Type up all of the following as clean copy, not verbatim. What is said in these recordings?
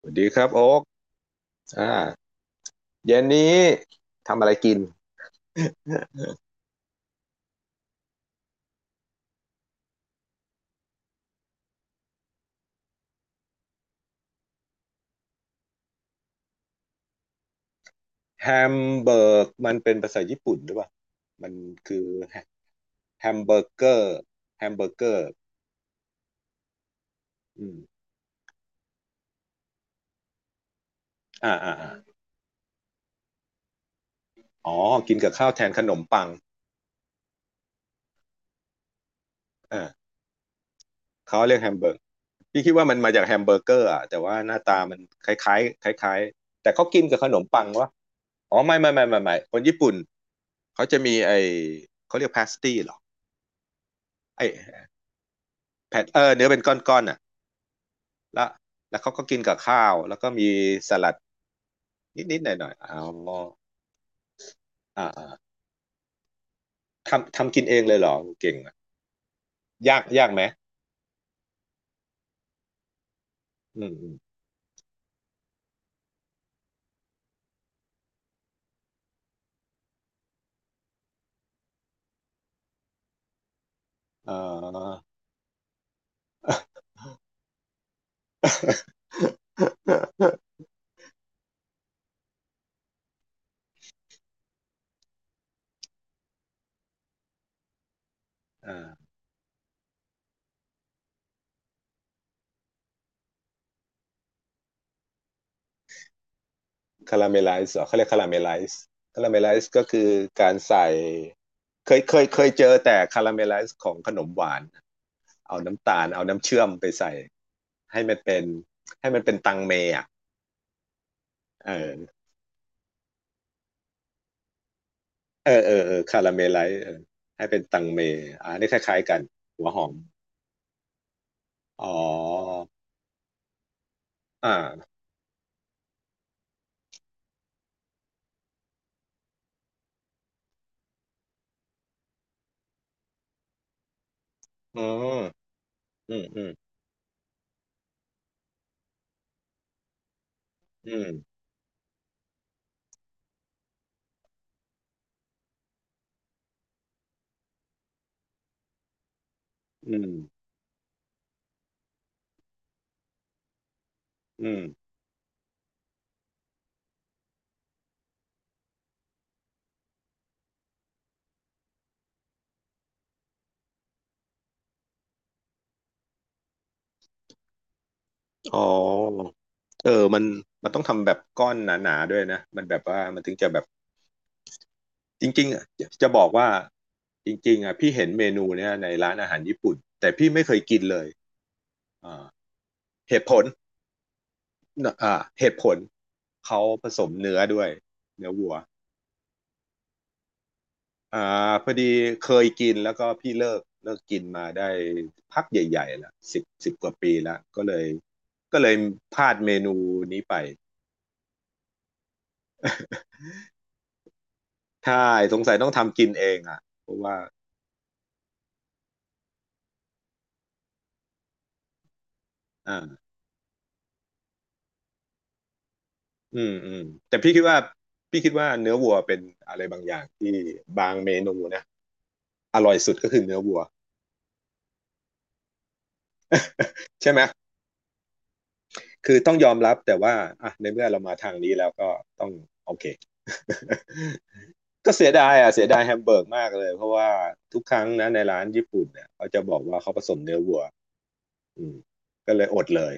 สวัสดีครับโอ๊กอ่าเย็นนี้ทำอะไรกิน แฮมเบิร์ก มันเป็นภาษาญี่ปุ่นหรือเปล่ามันคือแฮมเบอร์เกอร์แฮมเบอร์เกอร์อืมอ่าอ่าอาอ๋อกินกับข้าวแทนขนมปังอ่าเขาเรียกแฮมเบิร์กพี่คิดว่ามันมาจากแฮมเบอร์เกอร์อ่ะแต่ว่าหน้าตามันคล้ายๆคล้ายๆแต่เขากินกับขนมปังวะอ๋อไม่ไม่ไม่ไม่ไม่คนญี่ปุ่นเขาจะมีไอเขาเรียกพาสตี้เหรอไอแผ่นเนื้อเป็นก้อนๆอ่ะ แล้วแล้วเขาก็กินกับข้าวแล้วก็มีสลัดนิดๆหน่อยๆอ๋ออ่าอ่าทำกินเองเลยเหรอเก่งอะยากยากไหมอืมอืมอ่า อ่าคาราเมลไลซ์เหรอเขาเรียกคาราเมลไลซ์คาราเมลไลซ์ก็คือการใส่เคยเจอแต่คาราเมลไลซ์ของขนมหวานเอาน้ำตาลเอาน้ำเชื่อมไปใส่ให้มันเป็นให้มันเป็นตังเมอ่ะเออ เออเออเออคาราเมลไลซ์เออให้เป็นตังเมอ่านี่คล้ายๆกันหัวหอมอ๋ออ่าอ๋ออืมอืมอืมอืมอืมอ๋อเออมันมันต้องทำแบบก้อนหนาๆด้วยนะมันแบบว่ามันถึงจะแบบจริงๆอ่ะจะจะบอกว่าจริงๆอ่ะพี่เห็นเมนูเนี้ยในร้านอาหารญี่ปุ่นแต่พี่ไม่เคยกินเลยอ่าเหตุผลอ่าเหตุผลเขาผสมเนื้อด้วยเนื้อวัว อ่าพอดีเคยกินแล้วก็พี่เลิกกินมาได้พักใหญ่ๆละสิบสิบกว่าปีละก็เลยก็เลยพลาดเมนูนี้ไปใช่สงสัยต้องทำกินเองอ่ะเพราะว่าอ่าอืมอืมแต่พี่คิดว่าเนื้อวัวเป็นอะไรบางอย่างที่บางเมนูนะอร่อยสุดก็คือเนื้อวัวใช่ไหมคือต้องยอมรับแต่ว่าอ่ะในเมื่อเรามาทางนี้แล้วก็ต้องโอเค ก็เสียดายอ่ะเสียดายแฮมเบอร์กมากเลยเพราะว่าทุกครั้งนะในร้านญี่ปุ่นเนี่ยเขาจะบอกว่าเขาผสมเนื้อวัวอืมก็เลยอดเลย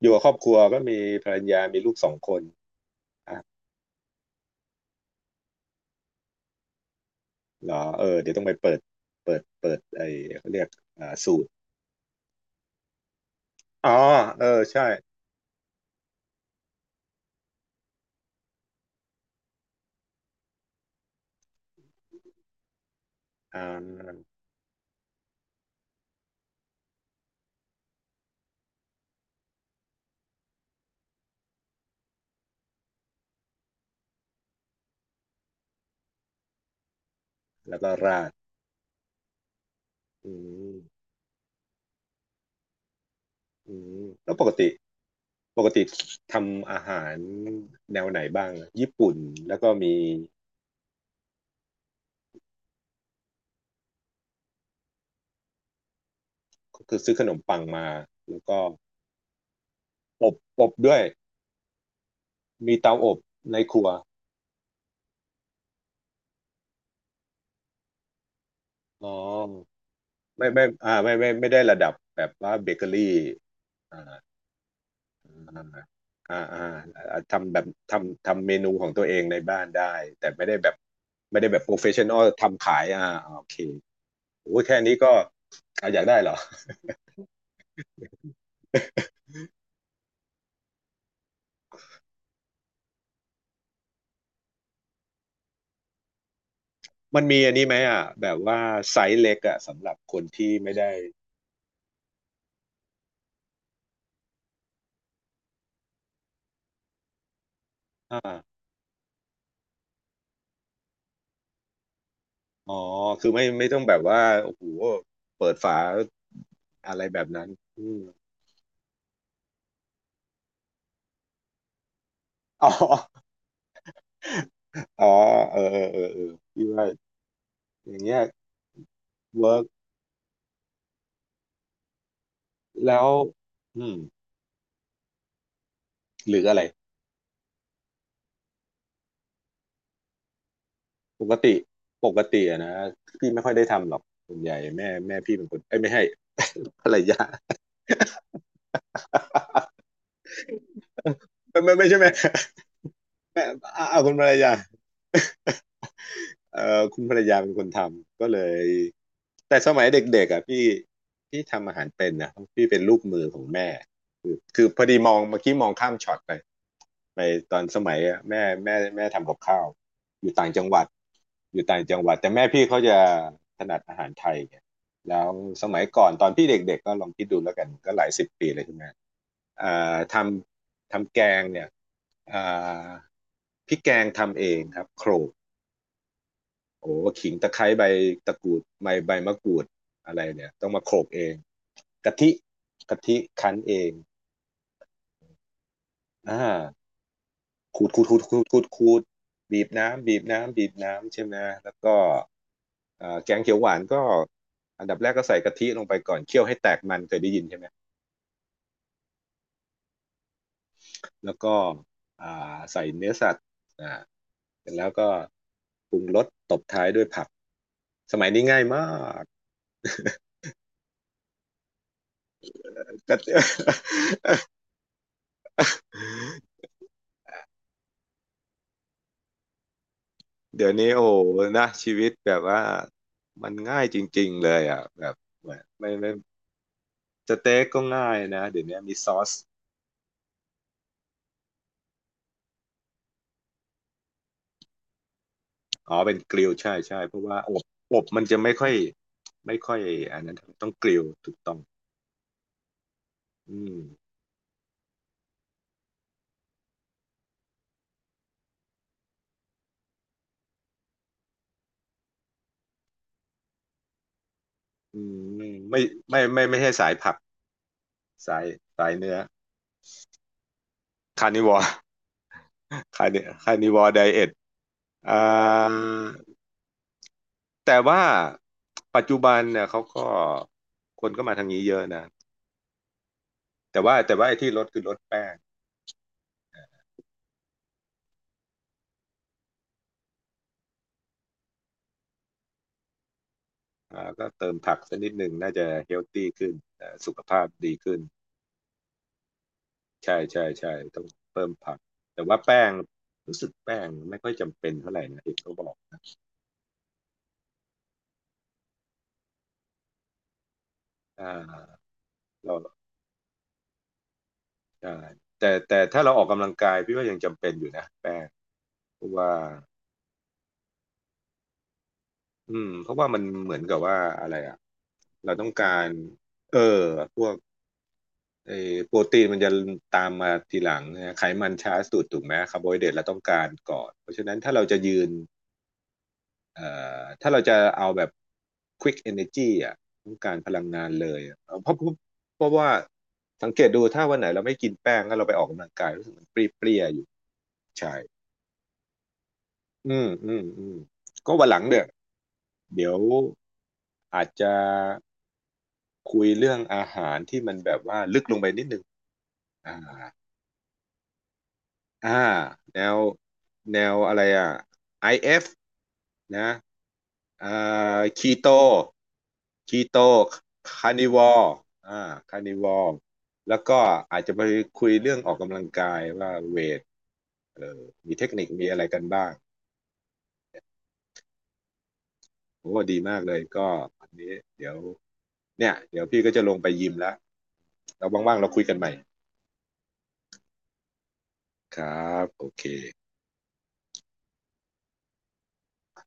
อยู่กับครอบครัวก็มีภรรยามีลูกสองคนเหรอเออเดี๋ยวต้องไปเปิดเปิดไอ้เขาเรียกอ่าสูตรอ๋อเออใช่อ่าแล้วก็ราดอืมอืมแล้วปกติทำอาหารแนวไหนบ้างอะญี่ปุ่นแล้วก็มีคือซื้อขนมปังมาแล้วก็อบอบด้วย มีเตาอบในครัวอ๋อไม่ไม่ได้ระดับแบบว่าเบเกอรี่อ่าอ่าอ่าอ่าทำแบบทำเมนูของตัวเองในบ้านได้ แต่ไม่ได้แบบโปรเฟชชั่นอลทำขายอ่าโอเคโอ้ยแค่นี้ก็อ่ะอยากได้เหรอ มันมีอันนี้ไหมอ่ะแบบว่าไซส์เล็กอ่ะสำหรับคนที่ไม่ได้อ่าอ๋อ คือไม่ต้องแบบว่าโอ้โหเปิดฝาอะไรแบบนั้นอืมอ๋อ อ๋อเออเออเออเออพี่ว่าอย่างเงี้ยเวิร์กแล้วอืมหรืออะไรปกติปกติอะนะพี่ไม่ค่อยได้ทำหรอกส่วนใหญ่แม่พี่เป็นคนเอ้ยไม่ให้ภรรยา ไม่ไม่ไม่ใช่แม่ แม่อ่ะอ่ะคุณภรรยา เออคุณภรรยาเป็นคนทำก็เลยแต่สมัยเด็กๆอ่ะพี่พี่ทำอาหารเป็นนะพี่เป็นลูกมือของแม่คือพอดีมองเมื่อกี้มองข้ามช็อตไปไปตอนสมัยอะแม่ทำกับข้าวอยู่ต่างจังหวัดอยู่ต่างจังหวัดแต่แม่พี่เขาจะถนัดอาหารไทยไงแล้วสมัยก่อนตอนพี่เด็กๆก็ลองคิดดูแล้วกันก็หลายสิบปีเลยที่แม่อ่าทำแกงเนี่ยอ่าพริกแกงทำเองครับโขลก โอ้ขิงตะไคร้ใบตะกรูดใบมะกรูดอะไรเนี่ยต้องมาโขลกเองกะทิกะทิคั้นเองอ่าขูดบีบน้ำใช่ไหมแล้วก็อ่าแกงเขียวหวานก็อันดับแรกก็ใส่กะทิลงไปก่อนเคี่ยวให้แตกมันเคยได้ยินใช่ไหมแล้วก็อ่าใส่เนื้อสัตว์อ่าเสร็จแล้วก็ปรุงรสตบท้ายด้วยผักสมัยนี้ง่ายมาก เดี๋ยวนี้โอ้โหนะชีวิตแบบว่ามันง่ายจริงๆเลยอ่ะแบบไม่ไม่สเต็กก็ง่ายนะเดี๋ยวนี้มีซอสอ๋อเป็นกริลใช่ใช่เพราะว่าอบอบมันจะไม่ค่อยอันนั้นต้องกริลถูกต้องอืมอืมไม่ไม่ไม่ไม่ไม่ใช่สายผักสายสายเนื้อคานิวอร์คา คานิวอร์ไดเอทอ่าแต่ว่าปัจจุบันเนี่ยเขาก็คนก็มาทางนี้เยอะนะแต่ว่าไอ้ที่ลดคือลดแป้ง อ่าก็เติมผักสักนิดหนึ่งน่าจะเฮลตี้ขึ้นอ่าสุขภาพดีขึ้นใช่ใช่ใช่ต้องเพิ่มผักแต่ว่าแป้งรู้สึกแป้งไม่ค่อยจำเป็นเท่าไหร่นะเห็นเขาบอกอ่าเราใช่แต่แต่ถ้าเราออกกำลังกายพี่ว่ายังจำเป็นอยู่นะแป้งเพราะว่าอืมเพราะว่ามันเหมือนกับว่าอะไรอ่ะเราต้องการเออพวกไอ้โปรตีนมันจะตามมาทีหลังนะไขมันช้าสุดถูกไหมคาร์โบไฮเดรตเราต้องการก่อนเพราะฉะนั้นถ้าเราจะยืน เอ่ถ้าเราจะเอาแบบ quick energy อ่ะต้องการพลังงานเลยอะเพราะเพราะเพราะว่าสังเกตดูถ้าวันไหนเราไม่กินแป้งแล้วเราไปออกกำลังกายรู้สึกมันเปรี้ยๆอยู่ใช่อืมอืมอืมก็วันหลังเนี่ยเดี๋ยวอาจจะคุยเรื่องอาหารที่มันแบบว่าลึกลงไปนิดนึงอ่าอ่าแนวแนวอะไรอ่ะ IF นะ อ่าคีโตคีโตคาร์นิวอลอ่าคาร์นิวอลแล้วก็อาจจะไปคุยเรื่องออกกำลังกายว่าเวทเออมีเทคนิคมีอะไรกันบ้างโอ้ดีมากเลยก็อันนี้เดี๋ยวเนี่ยเดี๋ยวพี่ก็จะลงไปยิมแล้วเราว่างๆเราคุยกันใหม่ครับโอเค